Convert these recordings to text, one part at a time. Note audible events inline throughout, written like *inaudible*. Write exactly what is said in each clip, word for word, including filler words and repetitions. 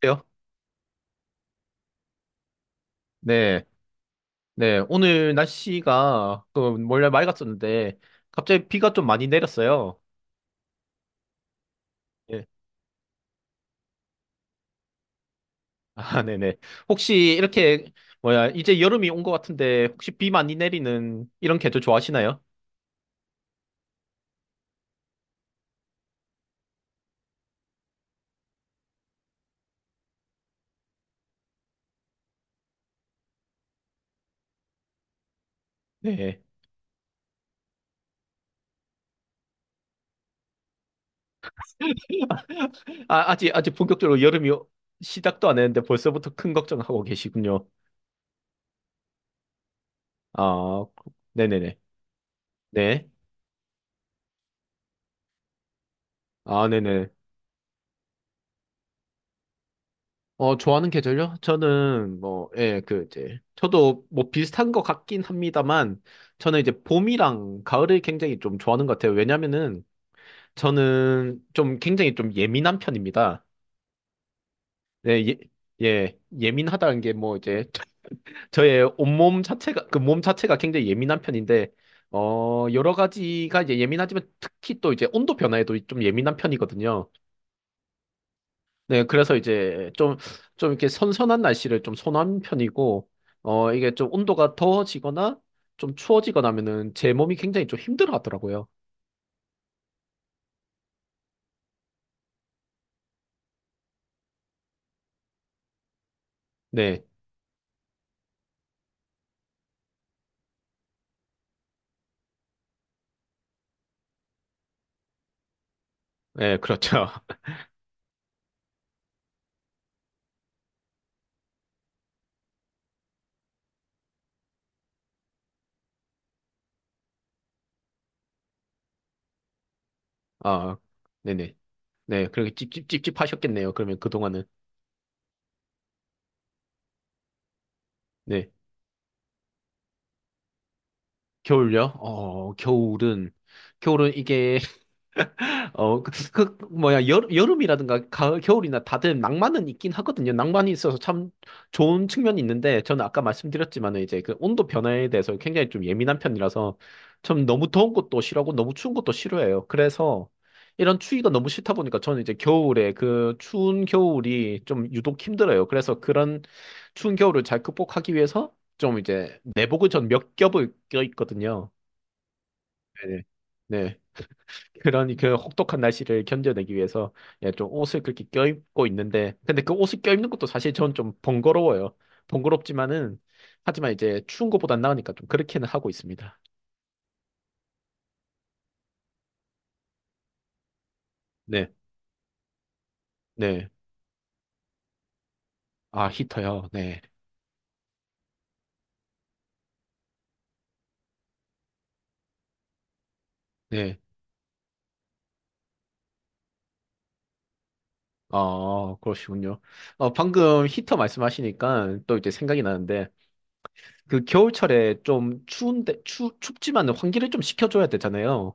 그래요? 네, 네. 오늘 날씨가 그 원래 맑았었는데 갑자기 비가 좀 많이 내렸어요. 예. *laughs* 아, 네네. 혹시 이렇게 뭐야 이제 여름이 온 것 같은데 혹시 비 많이 내리는 이런 계절 좋아하시나요? 네. 아, 아직 아직 본격적으로 여름이 오- 시작도 안 했는데 벌써부터 큰 걱정하고 계시군요. 아, 네네네. 네. 아, 네네. 어, 좋아하는 계절요? 저는 뭐, 예, 그 이제 저도 뭐 비슷한 것 같긴 합니다만 저는 이제 봄이랑 가을을 굉장히 좀 좋아하는 것 같아요. 왜냐면은 저는 좀 굉장히 좀 예민한 편입니다. 네, 예, 예, 예민하다는 게 뭐 이제 *laughs* 저의 온몸 자체가 그 몸 자체가 굉장히 예민한 편인데 어, 여러 가지가 이제 예민하지만 특히 또 이제 온도 변화에도 좀 예민한 편이거든요. 네, 그래서 이제 좀, 좀 이렇게 선선한 날씨를 좀 선호하는 편이고, 어, 이게 좀 온도가 더워지거나 좀 추워지거나 하면은 제 몸이 굉장히 좀 힘들어 하더라고요. 네, 네, 그렇죠. *laughs* 아, 네네. 네, 그렇게 찝찝찝찝 하셨겠네요. 그러면 그동안은. 네. 겨울요? 어, 겨울은, 겨울은 이게 어, 그, 그 뭐야, 여, 여름이라든가 가을, 겨울이나 다들 낭만은 있긴 하거든요. 낭만이 있어서 참 좋은 측면이 있는데, 저는 아까 말씀드렸지만 이제 그 온도 변화에 대해서 굉장히 좀 예민한 편이라서, 참 너무 더운 것도 싫어하고 너무 추운 것도 싫어해요. 그래서 이런 추위가 너무 싫다 보니까 저는 이제 겨울에 그 추운 겨울이 좀 유독 힘들어요. 그래서 그런 추운 겨울을 잘 극복하기 위해서 좀 이제 내복을 전 몇 겹을 껴 있거든요. 네네. 네. 그런 그 혹독한 날씨를 견뎌내기 위해서 예, 좀 옷을 그렇게 껴입고 있는데 근데 그 옷을 껴입는 것도 사실 전 좀 번거로워요. 번거롭지만은 하지만 이제 추운 것보단 나으니까 좀 그렇게는 하고 있습니다. 네, 네. 아, 히터요. 네, 네. 아, 그러시군요. 어, 방금 히터 말씀하시니까 또 이제 생각이 나는데 그 겨울철에 좀 추운데 추 춥지만 환기를 좀 시켜줘야 되잖아요.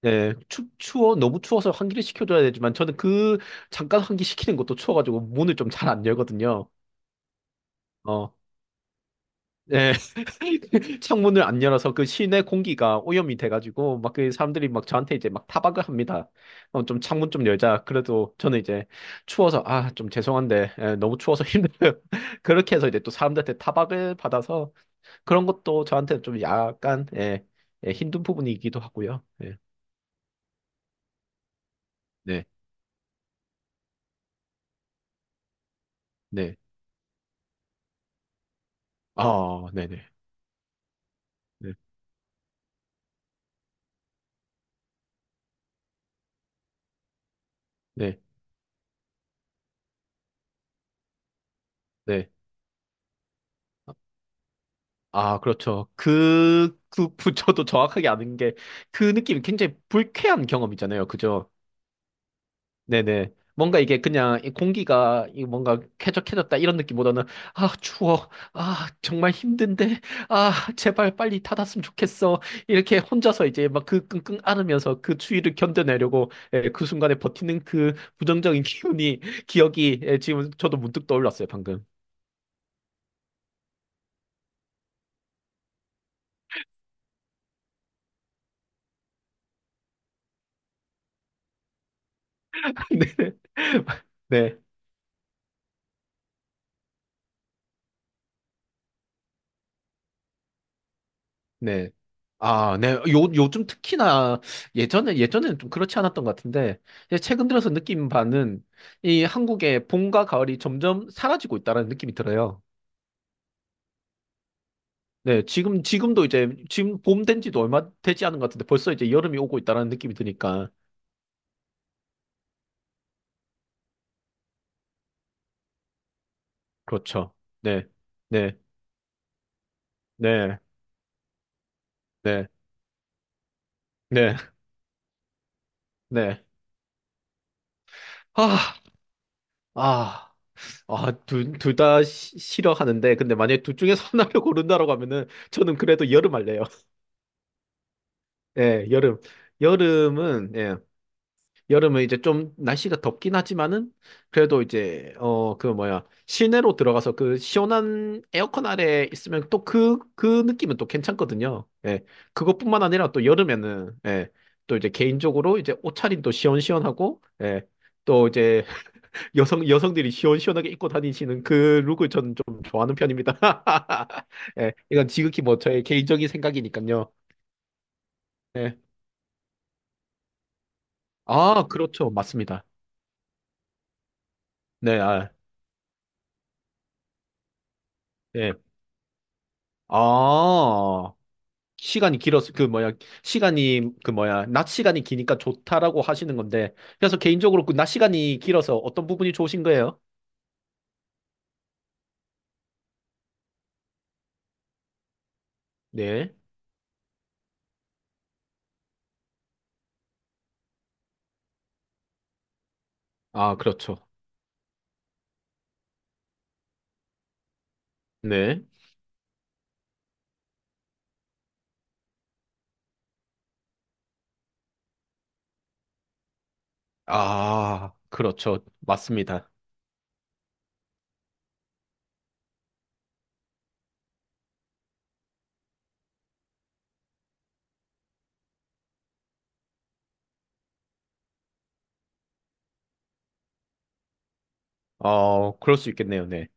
네, 추, 추워, 너무 추워서 환기를 시켜줘야 되지만, 저는 그, 잠깐 환기 시키는 것도 추워가지고, 문을 좀 잘 안 열거든요. 어, 네. *laughs* 창문을 안 열어서 그 실내 공기가 오염이 돼가지고, 막 그 사람들이 막 저한테 이제 막 타박을 합니다. 어, 좀 창문 좀 열자. 그래도 저는 이제 추워서, 아, 좀 죄송한데, 예, 너무 추워서 *laughs* 힘들어요. 그렇게 해서 이제 또 사람들한테 타박을 받아서, 그런 것도 저한테 좀 약간, 예, 예, 힘든 부분이기도 하고요. 예, 네, 네. 아, 네 네. 네. 네. 네. 아, 그렇죠. 그, 그, 부- *laughs* 저도 정확하게 아는 게, 그 느낌이 굉장히 불쾌한 경험이잖아요. 그죠? 네네. 뭔가 이게 그냥 이 공기가 이 뭔가 쾌적해졌다 이런 느낌보다는, 아, 추워. 아, 정말 힘든데. 아, 제발 빨리 닫았으면 좋겠어. 이렇게 혼자서 이제 막 그 끙끙 앓으면서 그 추위를 견뎌내려고 예, 그 순간에 버티는 그 부정적인 *laughs* 기운이, 기억이, 예, 지금 저도 문득 떠올랐어요, 방금. *laughs* 네. 네. 네. 아, 네. 요, 요즘 특히나 예전에, 예전에는 좀 그렇지 않았던 것 같은데, 이제 최근 들어서 느낀 바는 이 한국의 봄과 가을이 점점 사라지고 있다는 느낌이 들어요. 네. 지금, 지금도 이제, 지금 봄된 지도 얼마 되지 않은 것 같은데 벌써 이제 여름이 오고 있다는 느낌이 드니까. 그렇죠. 네. 네. 네. 네. 네. 네. 아, 아. 아, 둘, 둘 다 싫어하는데, 근데 만약에 둘 중에서 하나를 *laughs* 고른다라고 하면은, 저는 그래도 여름 할래요. 예, 여름. 여름은, 예, 여름은 이제 좀 날씨가 덥긴 하지만은, 그래도 이제, 어, 그 뭐야, 실내로 들어가서 그 시원한 에어컨 아래 있으면 또 그, 그 느낌은 또 괜찮거든요. 예, 그것뿐만 아니라 또 여름에는, 예, 또 이제 개인적으로 이제 옷차림도 시원시원하고, 예, 또 이제 *laughs* 여성, 여성들이 시원시원하게 입고 다니시는 그 룩을 저는 좀 좋아하는 편입니다. *laughs* 예, 이건 지극히 뭐 저의 개인적인 생각이니까요. 예. 아, 그렇죠. 맞습니다. 네, 아, 예. 아, 시간이 길어서, 그, 뭐야, 시간이, 그, 뭐야, 낮 시간이 기니까 좋다라고 하시는 건데, 그래서 개인적으로 그 낮 시간이 길어서 어떤 부분이 좋으신 거예요? 네. 아, 그렇죠. 네. 아, 그렇죠. 맞습니다. 어, 그럴 수 있겠네요. 네.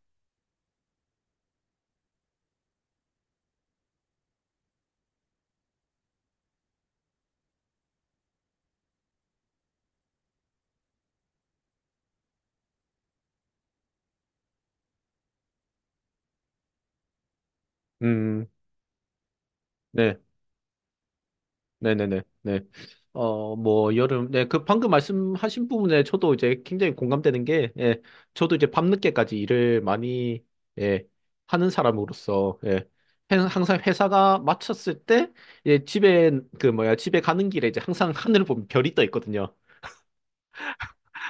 음, 네. 네네네. 네. 어, 뭐, 여름, 네, 그 방금 말씀하신 부분에 저도 이제 굉장히 공감되는 게, 예, 저도 이제 밤늦게까지 일을 많이, 예, 하는 사람으로서, 예, 해- 항상 회사가 마쳤을 때, 예, 집에, 그 뭐야, 집에 가는 길에 이제 항상 하늘을 보면 별이 떠 있거든요.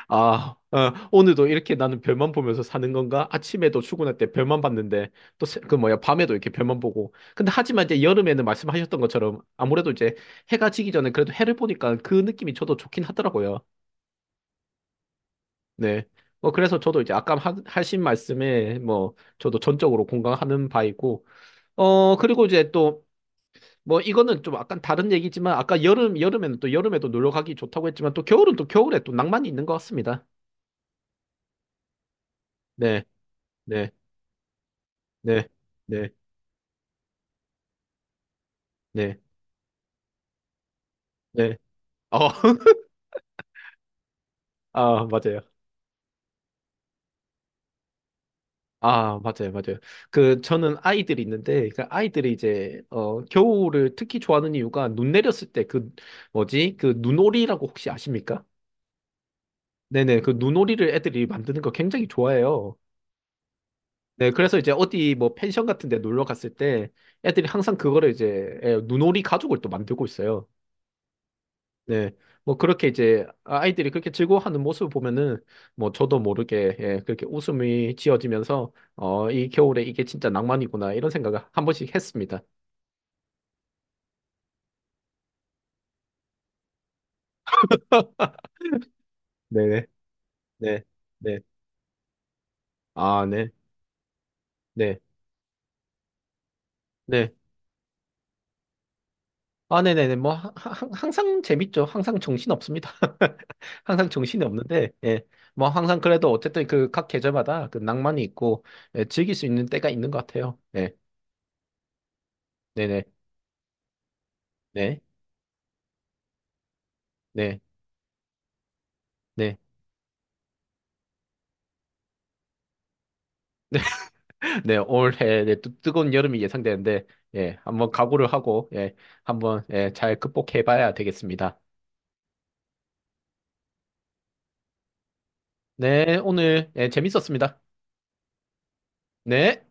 아, 어, 오늘도 이렇게 나는 별만 보면서 사는 건가? 아침에도 출근할 때 별만 봤는데, 또, 새- 그 뭐야, 밤에도 이렇게 별만 보고. 근데 하지만 이제 여름에는 말씀하셨던 것처럼 아무래도 이제 해가 지기 전에 그래도 해를 보니까 그 느낌이 저도 좋긴 하더라고요. 네. 뭐, 그래서 저도 이제 아까 하, 하신 말씀에 뭐, 저도 전적으로 공감하는 바이고, 어, 그리고 이제 또, 뭐, 이거는 좀 약간 다른 얘기지만, 아까 여름, 여름에는 또 여름에도 놀러 가기 좋다고 했지만, 또 겨울은 또 겨울에 또 낭만이 있는 것 같습니다. 네, 네, 네. 네. 네, 네. 어, *laughs* 아, 맞아요. 아, 맞아요, 맞아요. 그, 저는 아이들이 있는데, 그 아이들이 이제, 어, 겨울을 특히 좋아하는 이유가 눈 내렸을 때 그, 뭐지? 그 눈오리라고 혹시 아십니까? 네네, 그 눈오리를 애들이 만드는 거 굉장히 좋아해요. 네, 그래서 이제 어디 뭐 펜션 같은 데 놀러 갔을 때 애들이 항상 그거를 이제, 예, 눈오리 가죽을 또 만들고 있어요. 네. 뭐 그렇게 이제 아이들이 그렇게 즐거워하는 모습을 보면은 뭐 저도 모르게 예, 그렇게 웃음이 지어지면서 어, 이 겨울에 이게 진짜 낭만이구나 이런 생각을 한 번씩 했습니다. *laughs* 네네. 네. 네. 아, 네. 네. 네. 아, 네네네. 뭐, 하- 하- 항상 재밌죠. 항상 정신 없습니다. *laughs* 항상 정신이 없는데, 예. 뭐, 항상 그래도 어쨌든 그 각 계절마다 그 낭만이 있고, 예, 즐길 수 있는 때가 있는 것 같아요. 네. 네네. 네. 네. 네. 네, 올해 네, 또 뜨거운 여름이 예상되는데, 예, 한번 각오를 하고, 예, 한번, 예, 잘 극복해 봐야 되겠습니다. 네, 오늘, 예, 재밌었습니다. 네.